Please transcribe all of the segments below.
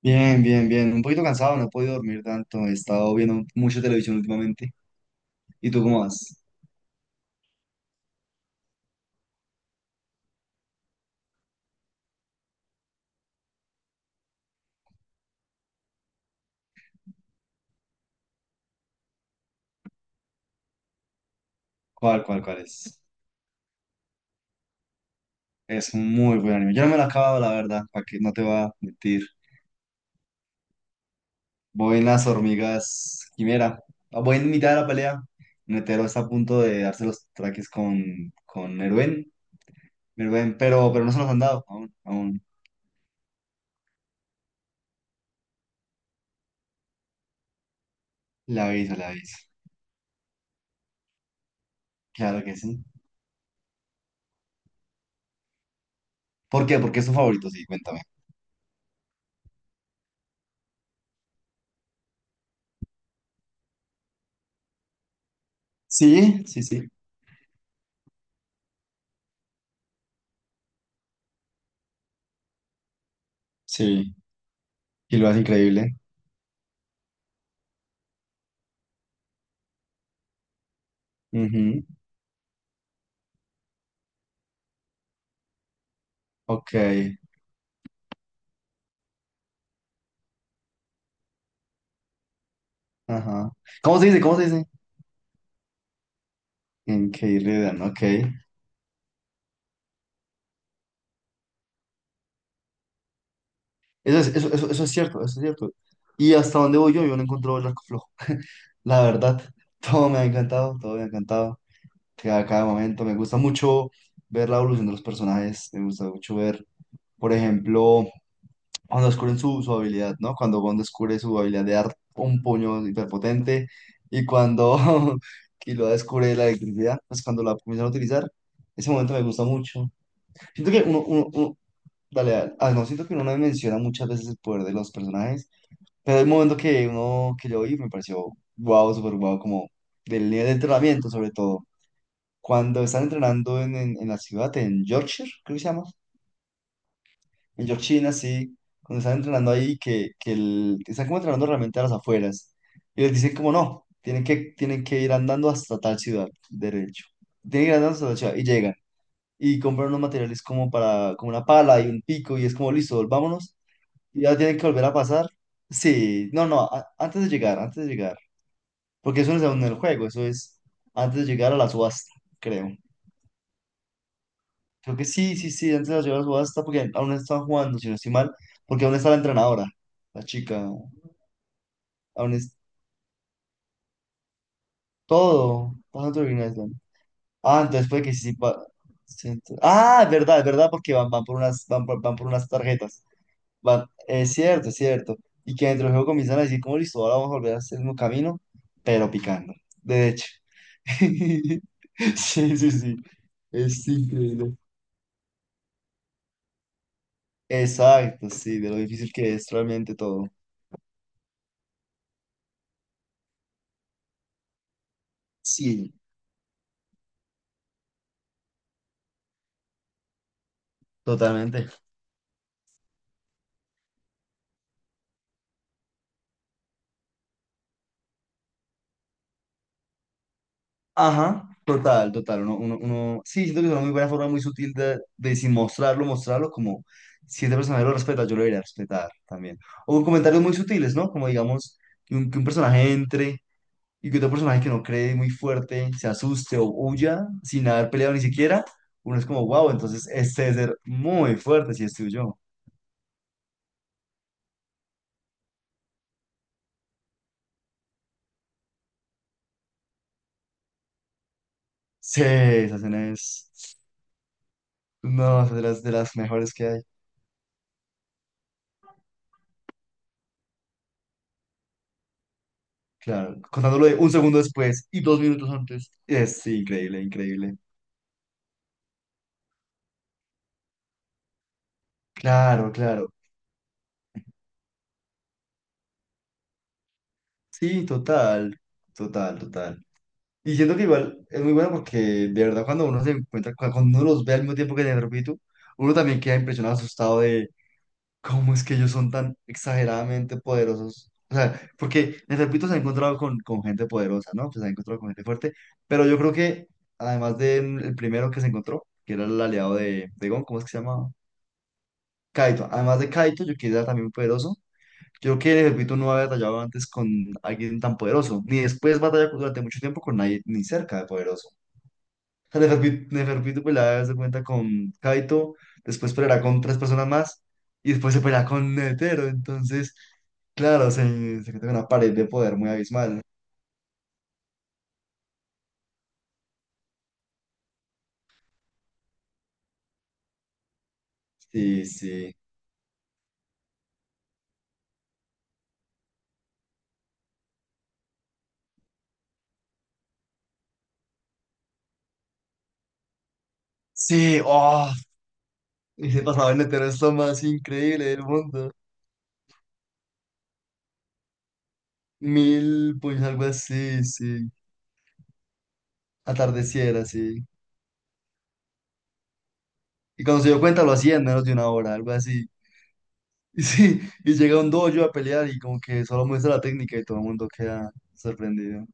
Bien, bien, bien. Un poquito cansado, no he podido dormir tanto. He estado viendo mucha televisión últimamente. ¿Y tú cómo vas? ¿Cuál es? Es un muy buen anime. Yo no me lo he acabado, la verdad, para que no te va a mentir. Voy en las hormigas quimera. Voy en mitad de la pelea. Netero está a punto de darse los traques con Meruén. Meruén, pero no se los han dado. Aún, aún. Le aviso, le aviso. Claro que sí. ¿Por qué? Porque es tu favorito, sí, cuéntame. Sí, sí, sí. Sí, y lo hace increíble. Ujú. Ok. Ajá. ¿Cómo se dice? ¿Cómo se dice? En Keirledan, ok. Eso es, eso es cierto, eso es cierto. Y hasta donde voy yo no encuentro el arco flojo. La verdad, todo me ha encantado, todo me ha encantado. Cada momento, me gusta mucho ver la evolución de los personajes, me gusta mucho ver, por ejemplo, cuando descubren su habilidad, ¿no? Cuando Gon descubre su habilidad de dar un puño hiperpotente y cuando Killua descubre la electricidad, pues cuando la comienzan a utilizar, ese momento me gusta mucho. Siento que uno- Dale, dale. Ah, no, siento que uno no menciona muchas veces el poder de los personajes, pero el momento que uno que yo vi me pareció wow, súper wow, como del nivel de entrenamiento, sobre todo. Cuando están entrenando en la ciudad, en Yorkshire, creo que se llama, en Yorkshire, sí, cuando están entrenando ahí, que el- están como entrenando realmente a las afueras, y les dicen como no, tienen que ir andando hasta tal ciudad, derecho. Tienen que ir andando hasta tal ciudad, y llegan, y compran unos materiales como para, como una pala y un pico, y es como listo, vámonos. Y ya tienen que volver a pasar. Sí, no, no, a- antes de llegar, antes de llegar. Porque eso no es aún en el juego, eso es antes de llegar a la subasta, creo. Creo que sí, sí, sí, antes de llegar a la subasta, porque aún están jugando, si no estoy mal, porque aún está la entrenadora, la chica, aún es todo, pasa todo Green Island. Ah, entonces puede que sí, pa- sí, ent- Ah, es verdad, porque van por unas, van por unas tarjetas. Van, es cierto, es cierto. Y que dentro del juego comienzan a decir, como listo, ahora vamos a volver a hacer el mismo camino, pero picando. De hecho. Sí, sí, sí. Es increíble. Exacto, sí, de lo difícil que es realmente todo. Sí, totalmente. Ajá, total, total. Uno- sí, siento que es una muy buena forma, muy sutil de sin mostrarlo, mostrarlo como si este personaje lo respeta, yo lo iré a respetar también. O con comentarios muy sutiles, ¿no? Como digamos, que un personaje entre y que otro personaje que no cree muy fuerte se asuste o huya sin haber peleado ni siquiera. Uno es como, wow, entonces este debe ser muy fuerte si es tuyo. Sí, esa escena es. No, es de las mejores que hay. Claro, contándolo de un segundo después y 2 minutos antes. Es sí, increíble, increíble. Claro, claro. Sí, total, total, total. Y siento que igual es muy bueno porque de verdad cuando uno se encuentra, cu- cuando uno los ve al mismo tiempo que te el repito, uno también queda impresionado, asustado. ¿Cómo es que ellos son tan exageradamente poderosos? O sea, porque, les repito, se ha encontrado con gente poderosa, ¿no? Pues se ha encontrado con gente fuerte, pero yo creo que, además del primero que se encontró, que era el aliado de Gon, ¿cómo es que se llamaba? Kaito. Además de Kaito, yo que era también poderoso, yo creo que, les repito, no había batallado antes con alguien tan poderoso, ni después batalla durante mucho tiempo con nadie ni cerca de poderoso. Neferpitu pelea, se cuenta con Kaito, después peleará con tres personas más y después se pelea con Netero. Entonces, claro, se encuentra con una pared de poder muy abismal. Sí, sí. Sí, oh, ese pasado en Netero es lo más increíble del mundo. 1.000 puños, algo así, sí. Atardeciera, sí. Y cuando se dio cuenta lo hacía en menos de una hora, algo así. Y sí, y llega un dojo a pelear y como que solo muestra la técnica y todo el mundo queda sorprendido.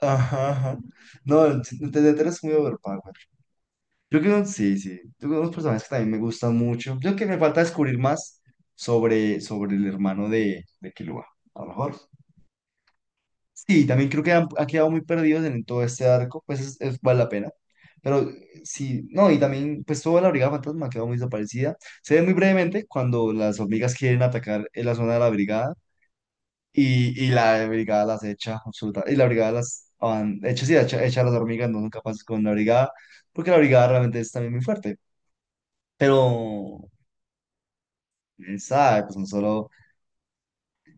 Ajá, ajá. No, el Ted Ted es muy overpower. Yo creo que sí, sí. Yo creo que unos personajes que también me gustan mucho. Yo creo que me falta descubrir más sobre el hermano de Killua, a lo mejor. Sí, también creo que han quedado muy perdidos en todo este arco, pues es- vale la pena. Pero sí, no, y también, pues toda la Brigada Fantasma ha quedado muy desaparecida. Se ve muy brevemente cuando las hormigas quieren atacar en la zona de la brigada, y la brigada las echa, absoluta. Y la brigada las van, echa, sí, echa, echa a las hormigas, no son capaces con la brigada, porque la brigada realmente es también muy fuerte. Pero, quién sabe, pues no solo.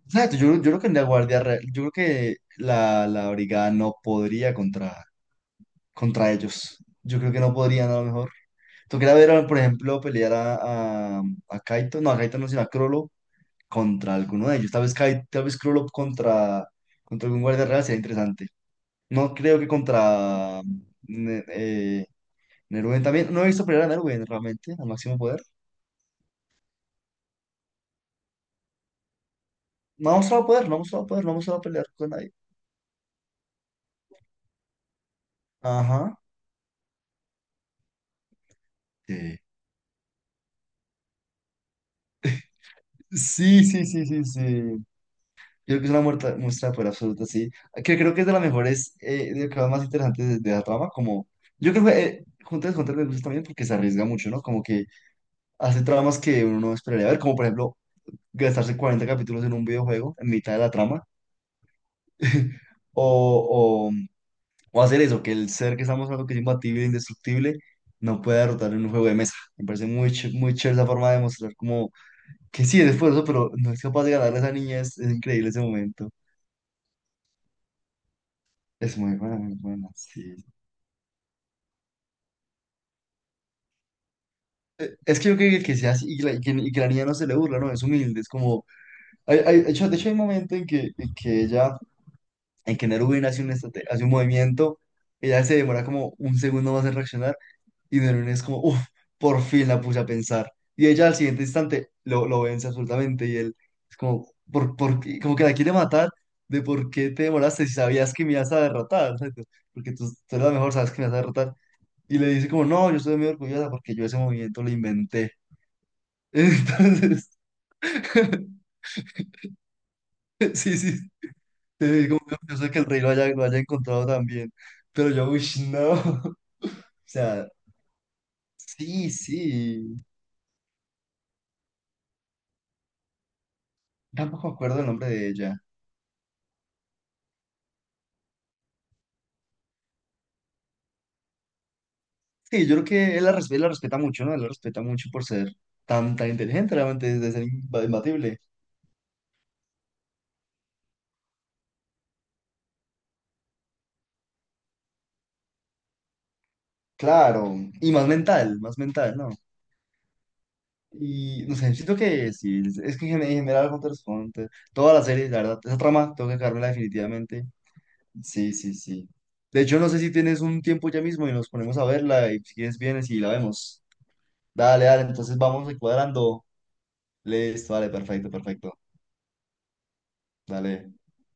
Exacto, yo creo que en la guardia, re- yo creo que la brigada no podría contra, contra ellos. Yo creo que no podrían a lo mejor. Tú Tocaría ver, por ejemplo, pelear a Kaito no, sino a Crollo contra alguno de ellos. Tal vez, Kai- tal vez Crollo contra algún guardia real sería interesante. No creo que contra Ne- Nerwen también. No he visto pelear a Nerwen realmente, al máximo poder. No ha mostrado poder, no ha mostrado poder, no ha mostrado pelear con nadie. Ajá. Sí. Sí, sí, sí, sí, sí. Yo creo que es una muestra de poder absoluta, sí. Que creo que es de las mejores, de las más interesantes de la trama. Como, yo creo que Hunter x Hunter me gusta también porque se arriesga mucho, ¿no? Como que hace tramas que uno no esperaría ver, como por ejemplo gastarse 40 capítulos en un videojuego en mitad de la trama. O, O, hacer eso, que el ser que estamos hablando que es imbatible e indestructible no pueda derrotar en un juego de mesa. Me parece muy chévere esa forma de mostrar como que sí, es esfuerzo, pero no es capaz de ganarle a esa niña. Es increíble ese momento. Es muy buena, sí. Es que yo creo que, sea así y que, la, y que la niña no se le burla, ¿no? Es humilde, es como. De hecho, hay un momento en que ella, en que Nerubin hace un movimiento, ella se demora como un segundo más en reaccionar. Y Danone es como, uff, por fin la puse a pensar. Y ella al siguiente instante lo vence absolutamente y él es como, por qué- como que la quiere matar de por qué te demoraste si sabías que me ibas a derrotar, ¿sabes? Porque tú eres la mejor, sabes que me vas a derrotar. Y le dice como, no, yo estoy muy orgullosa porque yo ese movimiento lo inventé. Entonces, sí, sí, como que yo sé que el rey lo haya encontrado también. Pero yo, uy, no. O sea, sí, sí. Tampoco me acuerdo el nombre de ella. Sí, yo creo que él la respeta mucho, ¿no? Él la respeta mucho por ser tan inteligente, realmente, desde ser imbatible. Claro, y más mental, ¿no? Y no sé, siento que sí, es que en general Hunter x Hunter, toda la serie, la verdad, esa trama, tengo que cargarla definitivamente. Sí, sí, sí. De hecho, no sé si tienes un tiempo ya mismo y nos ponemos a verla y si quieres vienes y la vemos. Dale, dale, entonces vamos cuadrando. Listo, vale, perfecto, perfecto. Dale.